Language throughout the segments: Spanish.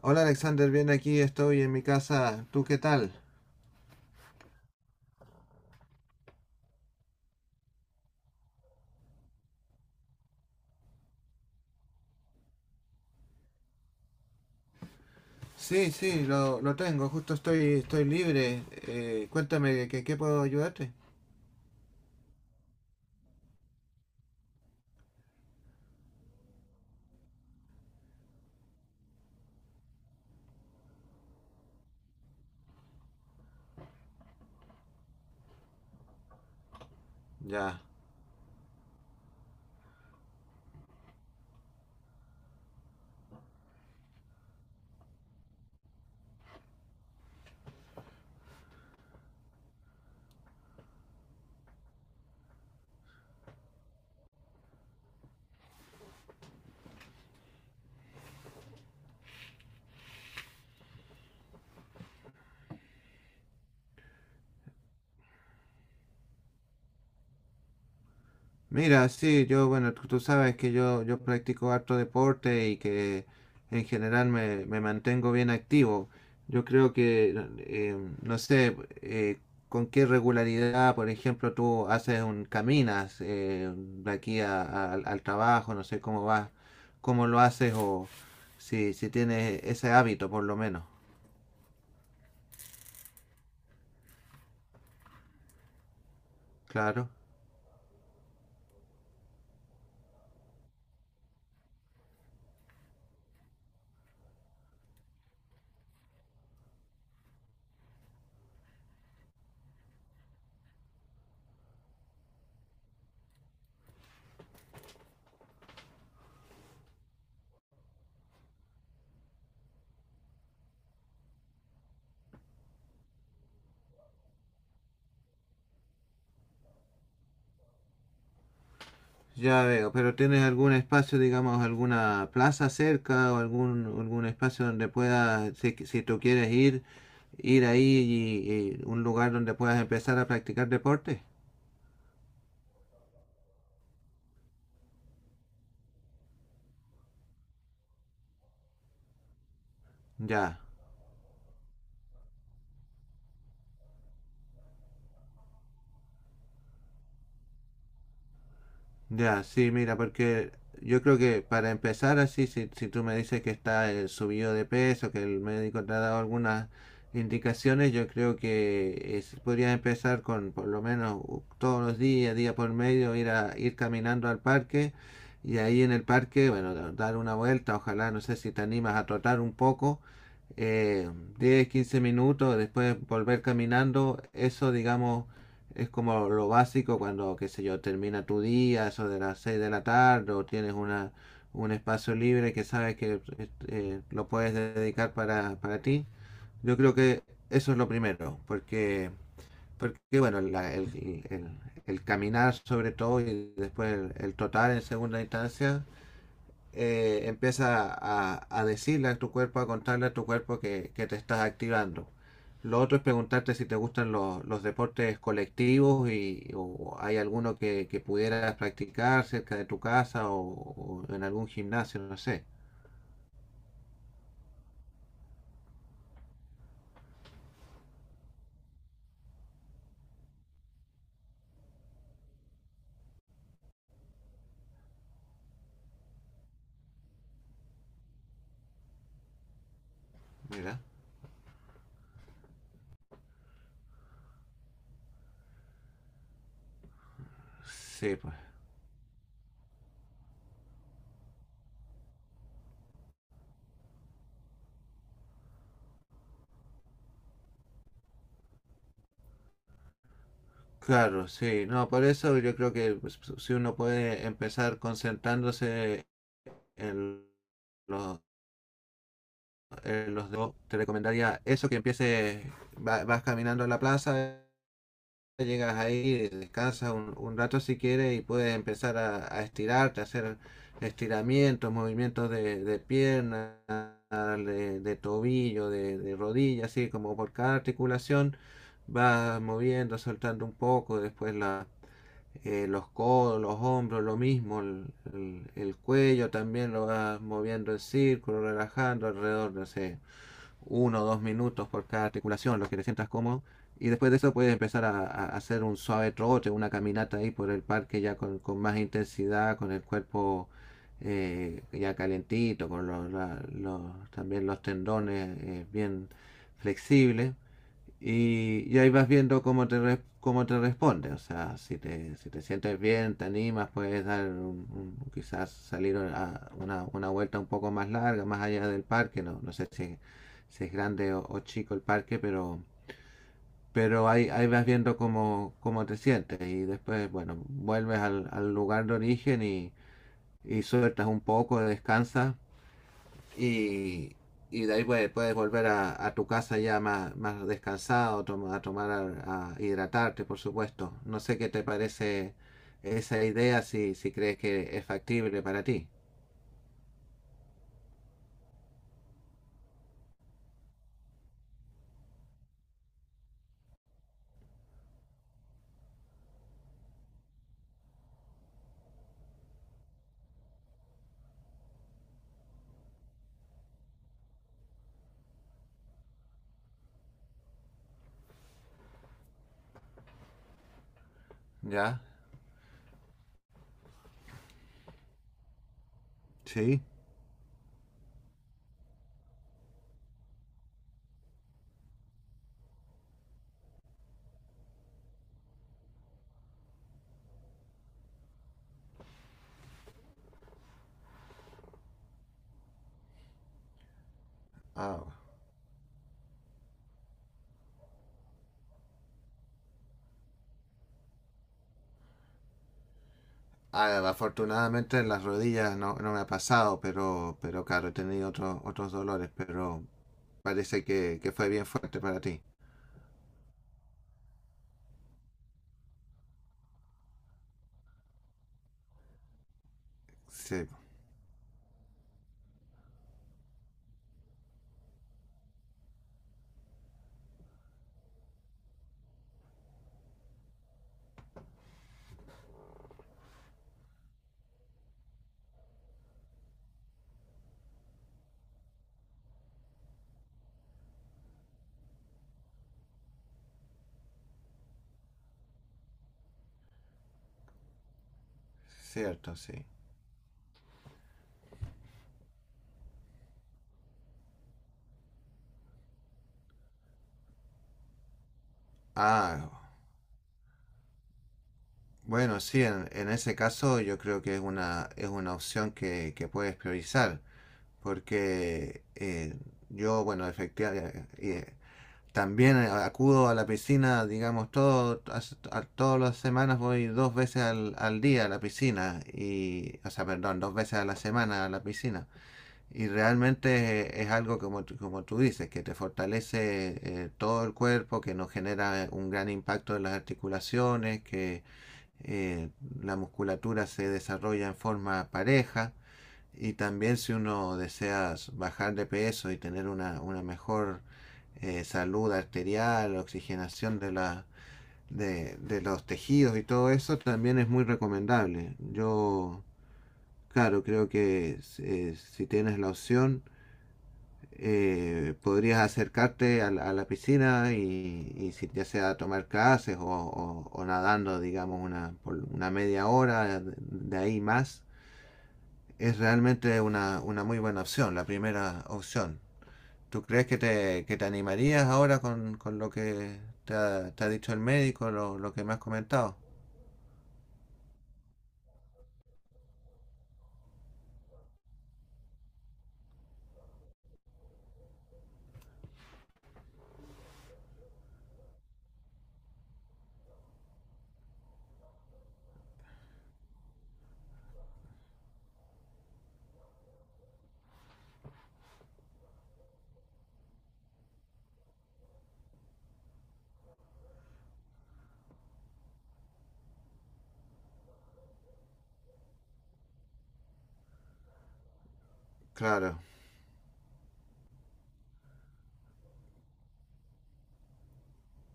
Hola Alexander, bien aquí, estoy en mi casa. ¿Tú qué tal? Sí, sí, lo tengo, justo estoy libre. Cuéntame, ¿qué puedo ayudarte? Ya. Mira, sí, yo, bueno, tú sabes que yo practico harto deporte y que en general me mantengo bien activo. Yo creo que, eh, no sé, eh, con qué regularidad, por ejemplo, tú haces un, caminas de aquí al al trabajo, no sé cómo vas, cómo lo haces o si, si tienes ese hábito, por lo menos. Claro. Ya veo, pero ¿tienes algún espacio, digamos, alguna plaza cerca o algún, algún espacio donde puedas, si, si tú quieres ir, ir ahí y un lugar donde puedas empezar a practicar deporte? Ya. Ya, sí, mira, porque yo creo que para empezar así, si, si tú me dices que está el subido de peso, que el médico te ha dado algunas indicaciones, yo creo que podrías empezar con por lo menos todos los días, día por medio, ir caminando al parque y ahí en el parque, bueno, dar una vuelta, ojalá, no sé si te animas a trotar un poco, eh, 10, 15 minutos, después volver caminando, eso digamos es como lo básico cuando, qué sé yo, termina tu día, eso de las 6 de la tarde, o tienes una, un espacio libre que sabes que lo puedes dedicar para ti. Yo creo que eso es lo primero, porque, porque bueno, el- el caminar sobre todo y después el trotar en segunda instancia, empieza a decirle a tu cuerpo, a contarle a tu cuerpo que te estás activando. Lo otro es preguntarte si te gustan los deportes colectivos y o hay alguno que pudieras practicar cerca de tu casa o en algún gimnasio, no sé. Mira. Sí, pues. Claro, sí. No, por eso yo creo que pues, si uno puede empezar concentrándose en los, en los dos, te recomendaría eso, que empieces, vas caminando a la plaza, llegas ahí, descansas un rato si quieres y puedes empezar a estirarte, a hacer estiramientos, movimientos de pierna, de tobillo, de rodilla, así como por cada articulación vas moviendo, soltando un poco, después la, los codos, los hombros, lo mismo, el, el cuello también lo vas moviendo en círculo, relajando alrededor, no sé, uno o dos minutos por cada articulación, lo que te sientas cómodo. Y después de eso puedes empezar a hacer un suave trote, una caminata ahí por el parque ya con más intensidad, con el cuerpo ya calentito, con los, también los tendones, bien flexibles. Y ahí vas viendo cómo te, cómo te responde. O sea, si te, si te sientes bien, te animas, puedes dar quizás salir a una vuelta un poco más larga, más allá del parque. No, no sé si, si es grande o chico el parque, pero ahí, ahí vas viendo cómo, cómo te sientes. Y después, bueno, vuelves al, al lugar de origen y sueltas un poco, descansas y, y de ahí puedes, puedes volver a tu casa ya más, más descansado, a tomar, a hidratarte, por supuesto. No sé qué te parece esa idea, si, si crees que es factible para ti. ¿Ya? Sí. Ah, ah, afortunadamente en las rodillas no, no me ha pasado, pero claro, he tenido otros otros dolores, pero parece que fue bien fuerte para ti. Sí, cierto, sí. Ah, bueno, sí, en ese caso yo creo que es una opción que puedes priorizar, porque yo, bueno, efectivamente, también acudo a la piscina, digamos, todo, todas las semanas voy dos veces al, al día a la piscina, y, o sea, perdón, dos veces a la semana a la piscina. Y realmente, es algo como, como tú dices, que te fortalece, todo el cuerpo, que no genera un gran impacto en las articulaciones, que, eh, la musculatura se desarrolla en forma pareja y también si uno desea bajar de peso y tener una mejor, salud arterial, oxigenación de, la, de los tejidos y todo eso, también es muy recomendable. Yo, claro, creo que, si tienes la opción, podrías acercarte a la piscina y si, ya sea tomar clases o, o nadando, digamos, una, por una media hora, de ahí más, es realmente una muy buena opción, la primera opción. ¿Tú crees que te animarías ahora con lo que te ha dicho el médico, lo que me has comentado? Claro.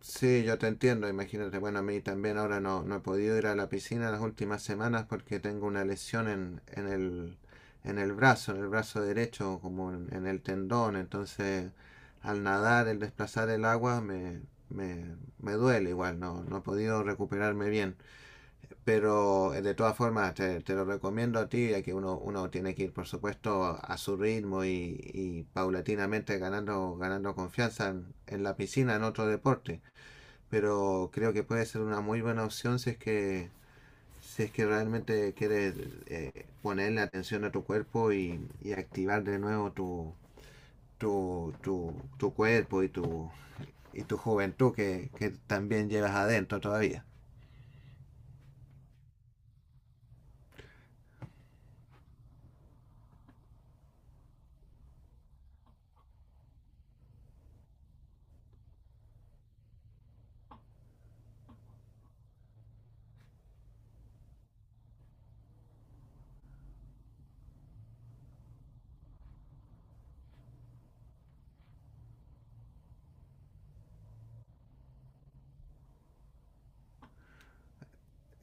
Sí, yo te entiendo, imagínate. Bueno, a mí también ahora no, no he podido ir a la piscina las últimas semanas porque tengo una lesión en el brazo derecho, como en el tendón. Entonces, al nadar, el desplazar el agua, me duele igual, no, no he podido recuperarme bien. Pero, de todas formas, te lo recomiendo a ti, ya que uno, uno tiene que ir, por supuesto, a su ritmo y paulatinamente ganando, ganando confianza en la piscina, en otro deporte, pero creo que puede ser una muy buena opción si es que si es que realmente quieres, ponerle atención a tu cuerpo y activar de nuevo tu, tu, tu, tu cuerpo y tu juventud que también llevas adentro todavía.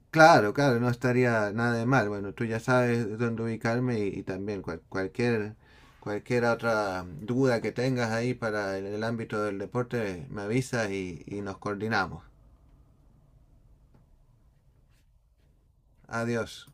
Claro, claro, no estaría nada de mal. Bueno, tú ya sabes dónde ubicarme y también cualquier, cualquier otra duda que tengas ahí para el ámbito del deporte, me avisas y nos coordinamos. Adiós.